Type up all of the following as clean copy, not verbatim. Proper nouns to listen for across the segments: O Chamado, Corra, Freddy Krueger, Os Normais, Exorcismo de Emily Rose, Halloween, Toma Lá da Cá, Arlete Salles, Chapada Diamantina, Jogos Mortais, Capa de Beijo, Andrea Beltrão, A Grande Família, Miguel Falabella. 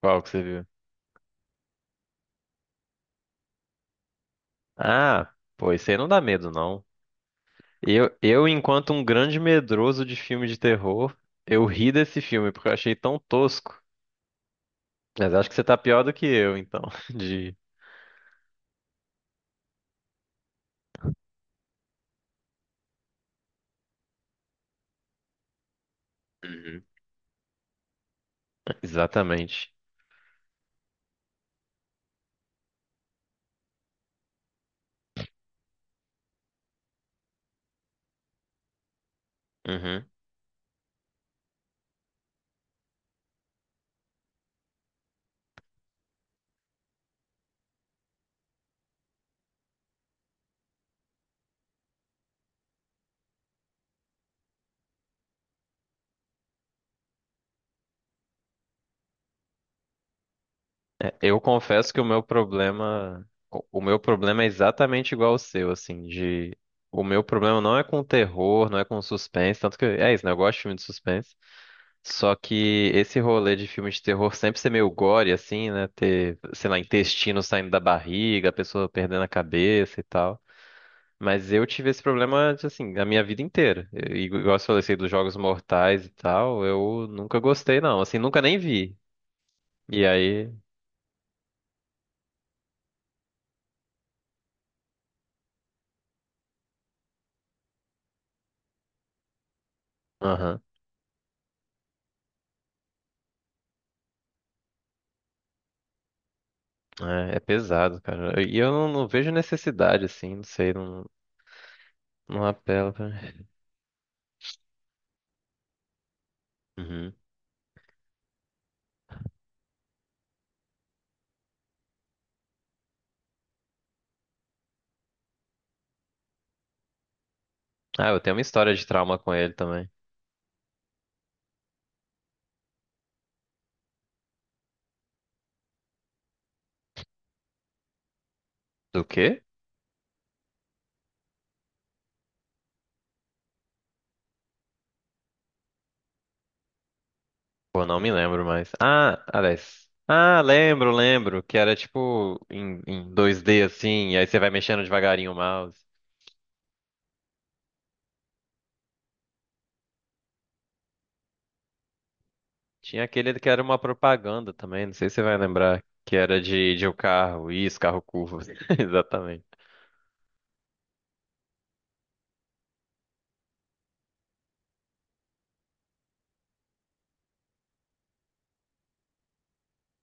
Qual que você viu? Ah, pô, isso aí não dá medo, não. Enquanto um grande medroso de filme de terror, eu ri desse filme porque eu achei tão tosco. Mas acho que você tá pior do que eu, então. De... Uhum. Exatamente. Uhum. É, eu confesso que o meu problema, o meu problema é exatamente igual ao seu, assim, de o meu problema não é com terror, não é com suspense, tanto que é isso, né? Eu gosto de filme de suspense. Só que esse rolê de filme de terror sempre ser meio gore, assim, né? Ter, sei lá, intestino saindo da barriga, a pessoa perdendo a cabeça e tal. Mas eu tive esse problema, assim, a minha vida inteira. E igual você falou assim, dos Jogos Mortais e tal, eu nunca gostei, não. Assim, nunca nem vi. E aí, aham, é, é pesado, cara. E eu não, não vejo necessidade, assim, não sei, não, não apela pra mim. Uhum. Ah, eu tenho uma história de trauma com ele também. Do quê? Pô, não me lembro mais. Ah, aliás. Ah, lembro, lembro. Que era tipo em dois d assim, e aí você vai mexendo devagarinho o mouse. Tinha aquele que era uma propaganda também, não sei se você vai lembrar. Que era de um carro. Isso, carro curvo. Exatamente.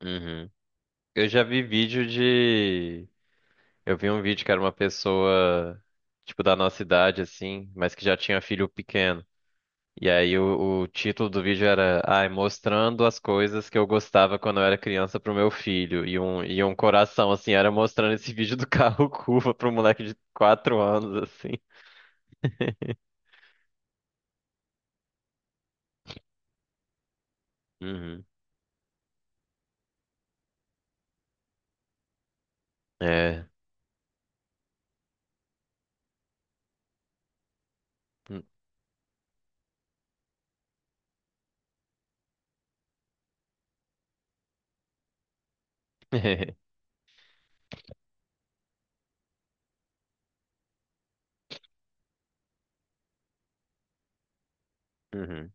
Uhum. Eu já vi vídeo de. Eu vi um vídeo que era uma pessoa, tipo, da nossa idade, assim, mas que já tinha filho pequeno. E aí o título do vídeo era, ai, mostrando as coisas que eu gostava quando eu era criança pro meu filho. E um coração, assim, era mostrando esse vídeo do carro curva pro moleque de 4 anos, assim. Uhum. É. Uhum.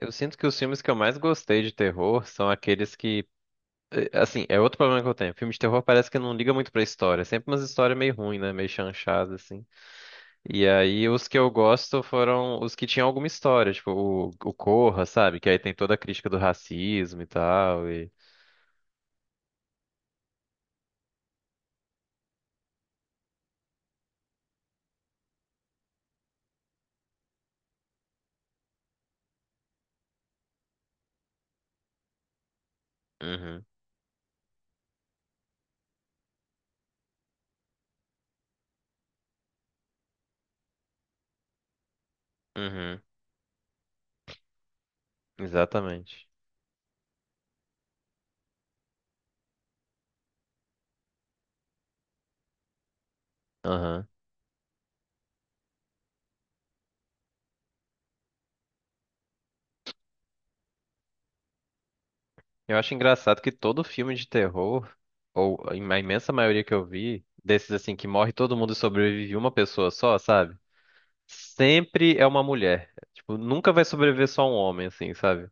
Eu sinto que os filmes que eu mais gostei de terror são aqueles que. Assim, é outro problema que eu tenho. Filme de terror parece que não liga muito pra história. É sempre umas histórias meio ruim, né? Meio chanchada, assim. E aí os que eu gosto foram os que tinham alguma história, tipo o Corra, sabe? Que aí tem toda a crítica do racismo e tal. E... Uhum, uhum, exatamente. Aham. Eu acho engraçado que todo filme de terror, ou a imensa maioria que eu vi, desses assim que morre todo mundo e sobrevive uma pessoa só, sabe? Sempre é uma mulher. Tipo, nunca vai sobreviver só um homem, assim, sabe?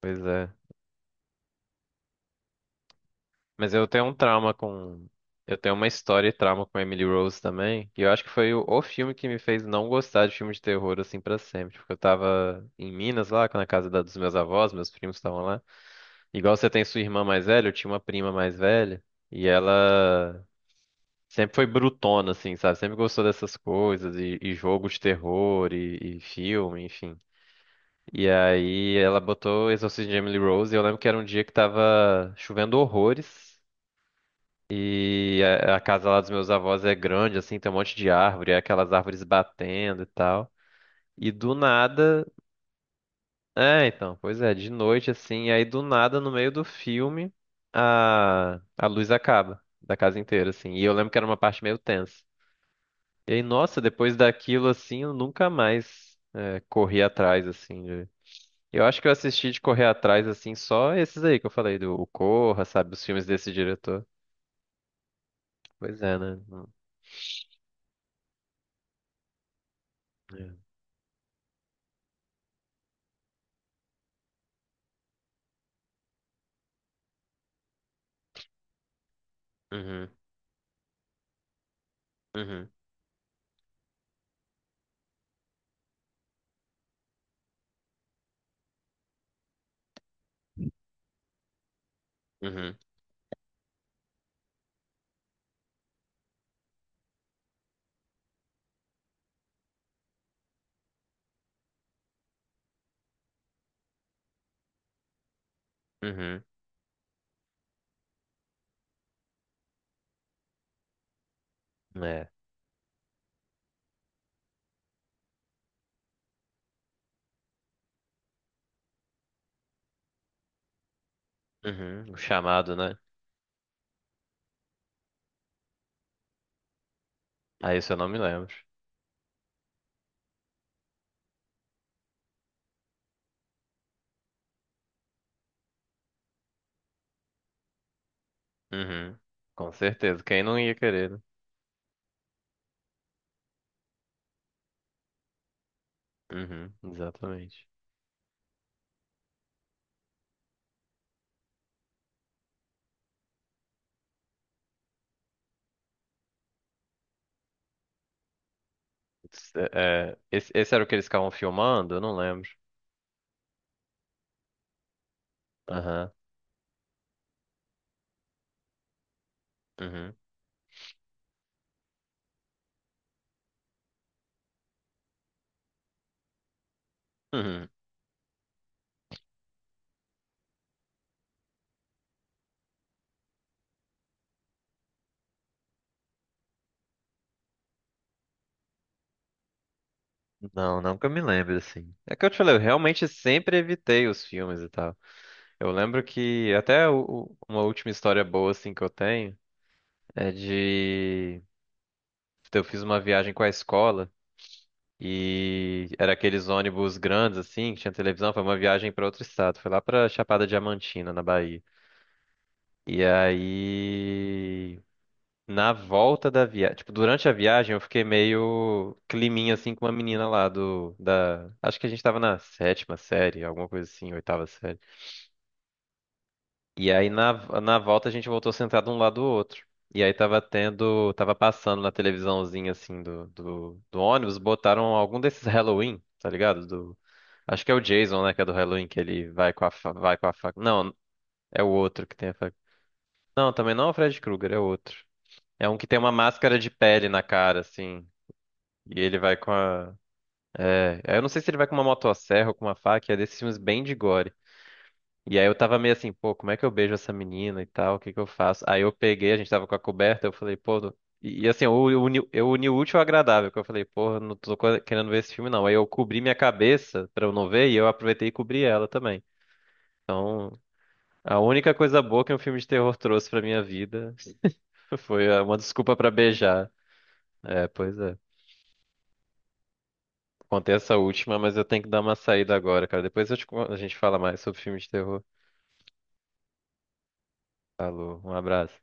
Pois é. Mas eu tenho um trauma com. Eu tenho uma história e trauma com Emily Rose também. E eu acho que foi o filme que me fez não gostar de filme de terror assim pra sempre. Porque eu tava em Minas lá, na dos meus avós, meus primos estavam lá. Igual você tem sua irmã mais velha, eu tinha uma prima mais velha. E ela sempre foi brutona, assim, sabe? Sempre gostou dessas coisas, e jogo de terror, e filme, enfim. E aí ela botou Exorcismo de Emily Rose. E eu lembro que era um dia que tava chovendo horrores. E a casa lá dos meus avós é grande, assim, tem um monte de árvore, é aquelas árvores batendo e tal. E do nada. É, então, pois é, de noite, assim, aí do nada, no meio do filme, a luz acaba da casa inteira, assim. E eu lembro que era uma parte meio tensa. E aí, nossa, depois daquilo, assim, eu nunca mais é, corri atrás, assim. De- Eu acho que eu assisti de correr atrás, assim, só esses aí que eu falei, do o Corra, sabe, os filmes desse diretor. Pois é, né? É. Uhum, uhum, uhum. Uhum. É. Uhum. O chamado, né? Ah, isso eu não me lembro. Uhum. Com certeza. Quem não ia querer, né? Uhum. Exatamente. It's- é, é, esse era o que eles estavam filmando? Eu não lembro. Aham. Uhum. Uhum. Não, não que eu me lembre, assim. É que eu te falei, eu realmente sempre evitei os filmes e tal. Eu lembro que até uma última história boa, assim, que eu tenho é de. Eu fiz uma viagem com a escola. E era aqueles ônibus grandes, assim, que tinha televisão. Foi uma viagem para outro estado. Foi lá pra Chapada Diamantina, na Bahia. E aí, na volta da viagem, tipo, durante a viagem eu fiquei meio climinha, assim, com uma menina lá da, acho que a gente tava na sétima série, alguma coisa assim, oitava série. E aí, na volta a gente voltou sentado um lado do outro. E aí tava tendo, tava passando na televisãozinha, assim, do ônibus, botaram algum desses Halloween, tá ligado? Acho que é o Jason, né, que é do Halloween, que ele vai com a fa... vai com a faca. Não, é o outro que tem a faca. Não, também não é o Fred Krueger, é outro. É um que tem uma máscara de pele na cara, assim. E ele vai com a. É, eu não sei se ele vai com uma motosserra ou com uma faca, é desses filmes bem de gore. E aí eu tava meio assim, pô, como é que eu beijo essa menina e tal? O que que eu faço? Aí eu peguei, a gente tava com a coberta, eu falei, pô. Não- E e assim, eu uni o útil ao agradável, que eu falei, pô, não tô co- querendo ver esse filme, não. Aí eu cobri minha cabeça pra eu não ver e eu aproveitei e cobri ela também. Então. A única coisa boa que um filme de terror trouxe pra minha vida foi ah, uma desculpa pra beijar. É, pois é. Contei essa última, mas eu tenho que dar uma saída agora, cara. Depois eu te con- a gente fala mais sobre filme de terror. Falou, um abraço.